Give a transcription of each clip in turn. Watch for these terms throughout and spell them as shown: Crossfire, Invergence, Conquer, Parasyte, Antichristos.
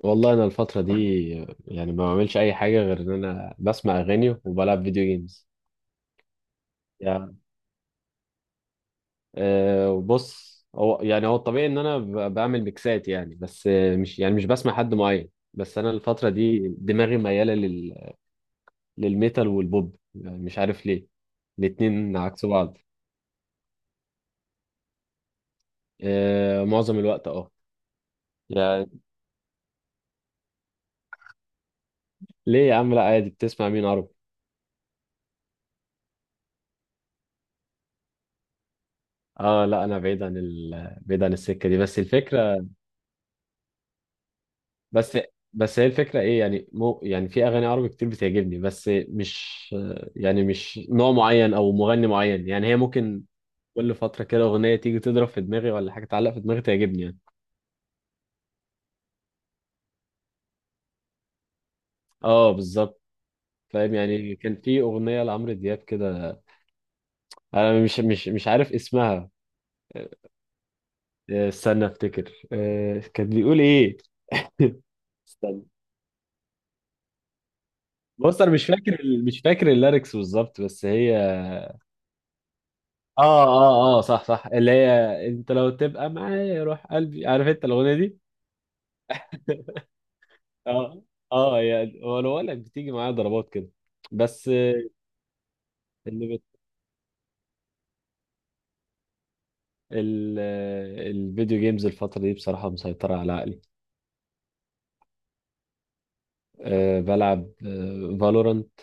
والله انا الفتره دي، يعني ما بعملش اي حاجه غير ان انا بسمع اغاني وبلعب فيديو جيمز. يعني وبص، هو هو الطبيعي ان انا بعمل ميكسات، يعني بس، مش مش بسمع حد معين، بس انا الفتره دي دماغي مياله لل... للميتال والبوب، يعني مش عارف ليه، الاتنين عكس بعض. أه، معظم الوقت، اه. يعني، ليه يا عم؟ لا عادي. بتسمع مين عربي؟ اه لا، انا بعيد عن ال... بعيد عن السكه دي، بس الفكره. بس بس هي الفكرة ايه؟ يعني مو، يعني في اغاني عربي كتير بتعجبني بس مش، يعني مش نوع معين او مغني معين، يعني هي ممكن كل فترة كده اغنية تيجي تضرب في دماغي، ولا حاجة تعلق في دماغي تعجبني يعني. اه بالظبط. فاهم يعني، كان في اغنية لعمرو دياب كده، انا مش عارف اسمها. استنى افتكر. كان بيقول ايه؟ استنى. بص انا مش فاكر الليركس بالظبط، بس هي، اه، اه، اه، صح، صح، اللي هي، انت لو تبقى معايا روح قلبي، عارف انت الاغنيه دي؟ اه، اه، يعني هو انا بقول لك بتيجي معايا ضربات كده، بس. اللي بت... ال... الفيديو جيمز الفتره دي بصراحه مسيطره على عقلي. أه، بلعب فالورانت،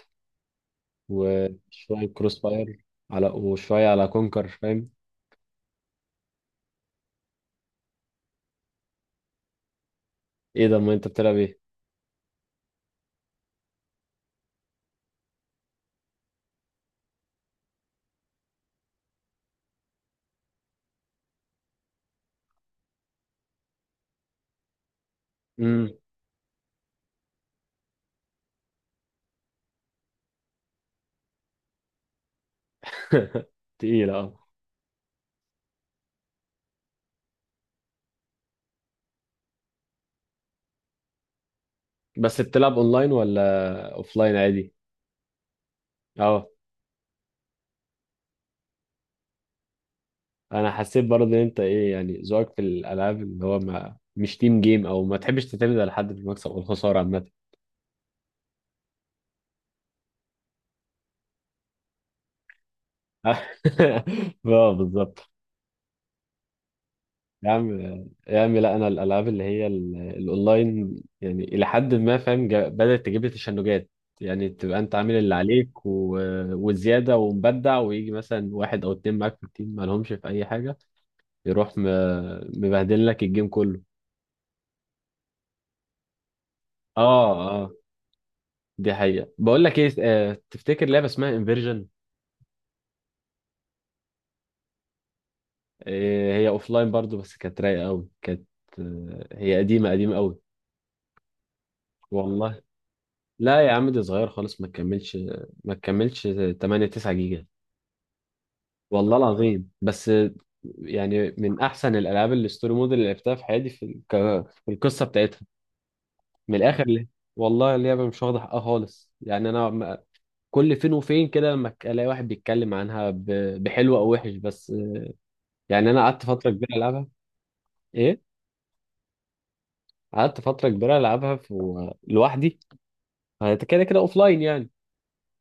وشويه كروس فاير، على وشويه على كونكر، فاهم. ايه ده؟ ما انت بتلعب ايه؟ امم. تقيله اه. بس بتلعب اونلاين ولا اوفلاين عادي؟ اه. انا حسيت برضه ان انت ايه، يعني ذوقك في الالعاب اللي هو ما مش تيم جيم، او ما تحبش تعتمد على حد في المكسب والخساره عامه. اه بالظبط. يا عم، يا عم، لا انا الالعاب اللي هي الاونلاين، يعني الى حد ما فاهم، بدات تجيب لي تشنجات. يعني تبقى انت عامل اللي عليك و... وزياده ومبدع، ويجي مثلا واحد او اتنين معاك في التيم ما لهمش في اي حاجه، يروح م... مبهدل لك الجيم كله. اه، اه، دي حقيقه. بقول لك ايه، تفتكر لعبه اسمها انفيرجن؟ إيه، هي لاين برضو، بس كانت رايقه قوي. كانت، هي قديمه قديمه قوي. والله. لا يا عم، دي صغيره خالص، ما تكملش، ما تكملش. 8 9 جيجا. والله العظيم، بس يعني من احسن الالعاب الستوري مود اللي لعبتها في حياتي، في الك... في القصه بتاعتها. من الاخر، ليه. والله اللعبه مش واخده حقها خالص يعني انا م-، كل فين وفين كده لما ك- الاقي واحد بيتكلم عنها ب... بحلو او وحش، بس يعني انا قعدت فتره كبيره العبها. ايه؟ قعدت فتره كبيره العبها في... لوحدي. انت كده كده اوف لاين يعني.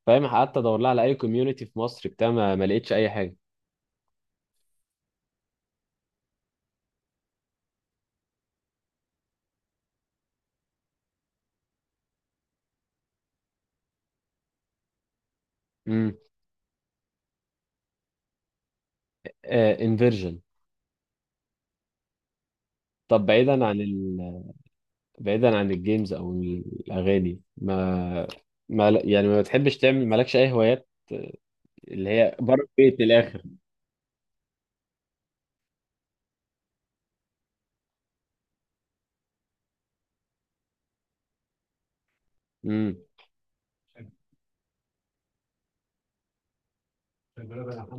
فاهم، قعدت ادور لها على اي كوميونتي في مصر بتاع، ما لقيتش اي حاجه. امم. انفيرجن. طب بعيدا عن ال... بعيدا عن الجيمز او الاغاني، ما يعني ما بتحبش تعمل، مالكش اي هوايات، اللي هي بره البيت من الاخر. امم.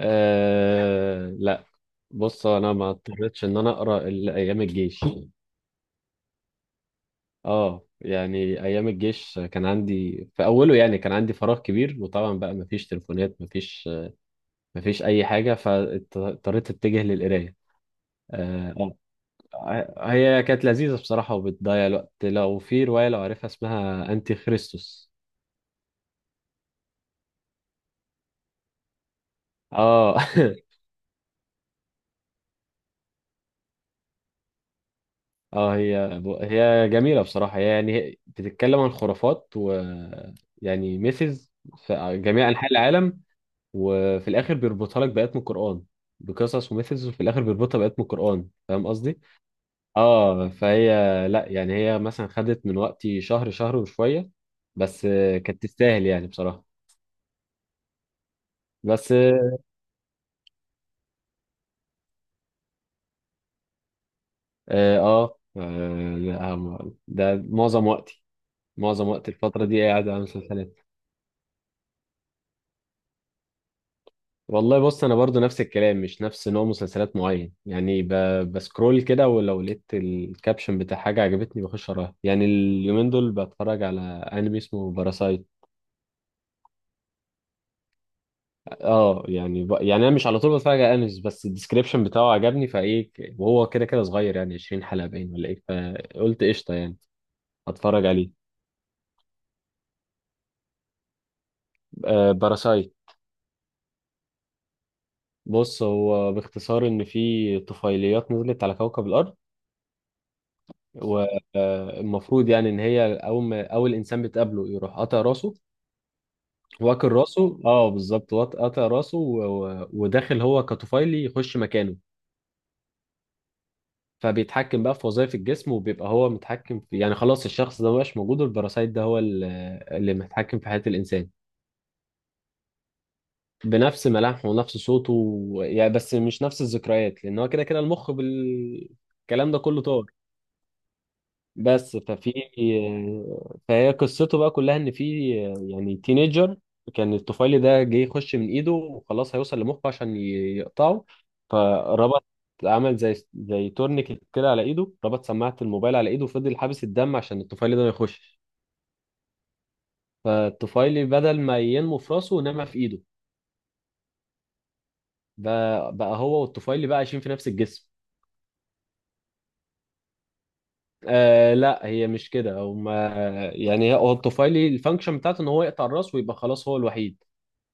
لا. بص انا ما اضطريتش ان انا اقرا الا ايام الجيش. اه، يعني ايام الجيش كان عندي في اوله، يعني كان عندي فراغ كبير، وطبعا بقى ما فيش تليفونات، ما فيش مفيش اي حاجه، فاضطريت اتجه للقرايه. آه. آه، هي كانت لذيذه بصراحه، وبتضيع الوقت، لو في روايه لو عارفها اسمها انتي خريستوس. اه. اه، هي جميله بصراحه، هي يعني بتتكلم عن خرافات، و يعني ميثز في جميع انحاء العالم، وفي الاخر بيربطها لك بايات من القران. بقصص وميثز، وفي الاخر بيربطها بايات من القران، فاهم قصدي. اه فهي، لا يعني هي مثلا خدت من وقتي شهر شهر وشوية، بس كانت تستاهل يعني بصراحة. بس اه. آه، آه، لا، ده معظم وقتي. معظم وقت الفترة دي قاعد على مسلسلات. والله بص، انا برضو نفس الكلام، مش نفس نوع مسلسلات معين، يعني ب... بسكرول كده، ولو لقيت الكابشن بتاع حاجة عجبتني بخش اراها، يعني اليومين دول بتفرج على انمي اسمه باراسايت. اه يعني ب...، يعني انا مش على طول بتفرج على انميز، بس الديسكريبشن بتاعه عجبني، فايه ك- وهو كده كده صغير، يعني 20 حلقة باين ولا ايه، فقلت قشطة يعني. هتفرج عليه. آه، باراسايت. بص هو باختصار، ان في طفيليات نزلت على كوكب الارض، والمفروض يعني ان هي اول ما اول انسان بتقابله يروح قاطع راسه. واكل راسه، اه بالظبط، وات- قاطع راسه و... و- وداخل هو كطفيلي يخش مكانه. فبيتحكم بقى في وظائف الجسم، وبيبقى هو متحكم في، يعني خلاص الشخص ده مبقاش موجود، والباراسايت ده هو اللي متحكم في حياة الإنسان. بنفس ملامحه ونفس صوته و-، يعني بس مش نفس الذكريات، لأن هو كده كده المخ بالكلام ده كله طار. بس ففي، فهي قصته بقى كلها ان في، يعني تينيجر، كان الطفيلي ده جه يخش من ايده، وخلاص هيوصل لمخه عشان يقطعه، فربط، عمل زي تورنيكت كده على ايده، ربط سماعة الموبايل على ايده وفضل حابس الدم، عشان الطفيلي ده ما يخشش. فالطفيلي بدل ما ينمو في راسه، نما في ايده. بقى هو والطفيلي بقى عايشين في نفس الجسم. آه لا، هي مش كده، هما يعني هو الطفيلي الفانكشن بتاعته ان هو يقطع الراس، ويبقى خلاص هو الوحيد.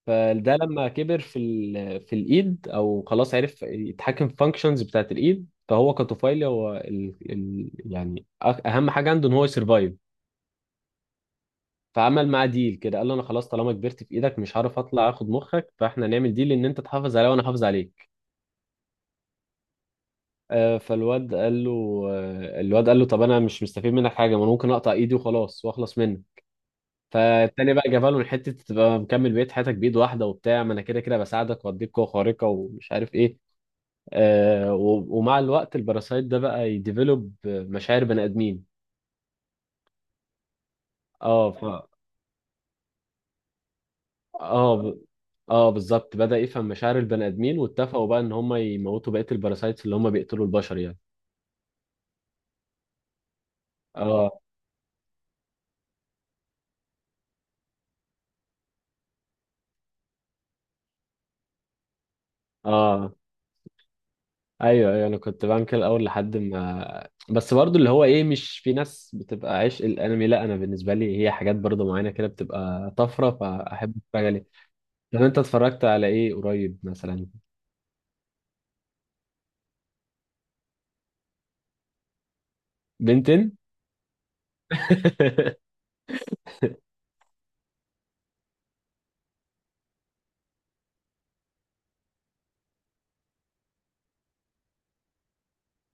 فده لما كبر في ال... في الايد، او خلاص عرف يتحكم في فانكشنز بتاعت الايد، فهو كطفيلي هو يعني اهم حاجه عنده ان هو يسرفايف. فعمل معاه ديل كده، قال له انا خلاص طالما كبرت في ايدك مش هعرف اطلع اخد مخك، فاحنا نعمل ديل ان انت تحافظ عليا وانا احافظ عليك. فالواد قال له، الواد قال له طب انا مش مستفيد منك حاجه، ما انا ممكن اقطع ايدي وخلاص واخلص منك. فالتاني بقى جابها له من حته تبقى مكمل بقيه حياتك بايد واحده، وبتاع ما انا كده كده بساعدك واديك قوه خارقه ومش عارف ايه. و- ومع الوقت الباراسايت ده بقى يديفلوب مشاعر بني ادمين. اه ف، اه ب...، اه بالظبط، بدأ يفهم مشاعر البني ادمين، واتفقوا بقى ان هم يموتوا بقية الباراسايتس اللي هم بيقتلوا البشر يعني. اه، اه، ايوه، ايوه، انا كنت بعمل كده الاول لحد ما، بس برضو اللي هو ايه، مش في ناس بتبقى عشق الانمي، لا انا بالنسبه لي هي حاجات برضو معينه كده بتبقى طفره، فاحب اتفرج عليها. طب انت اتفرجت على ايه قريب مثلا؟ بنتين.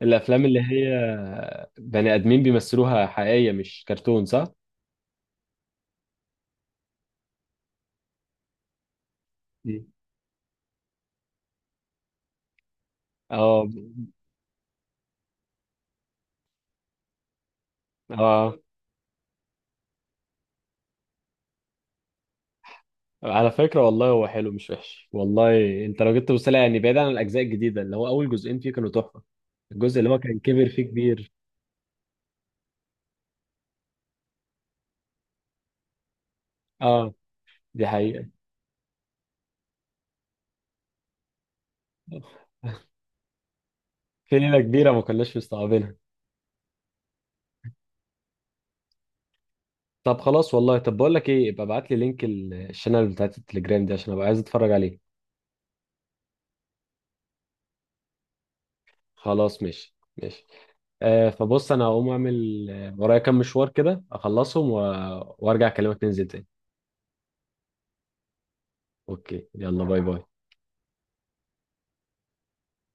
الافلام اللي هي بني ادمين بيمثلوها حقيقيه مش كرتون، صح؟ مم. اه، اه، على فكره والله هو حلو مش وحش، والله انت لو جيت تبص لها، يعني بعيد عن الاجزاء الجديده، اللي هو اول جزئين فيه كانوا تحفه. الجزء اللي هو كان كبر فيه كبير. اه دي حقيقه. في ليله كبيره ما كناش مستوعبينها. طب خلاص والله، طب بقول لك ايه، ابقى ابعت لي لينك الشانل بتاعت التليجرام دي، عشان ابقى عايز اتفرج عليه. خلاص ماشي، ماشي. آه فبص، انا هقوم اعمل، ورايا كام مشوار كده اخلصهم و... وارجع اكلمك ننزل تاني. اوكي، يلا باي باي.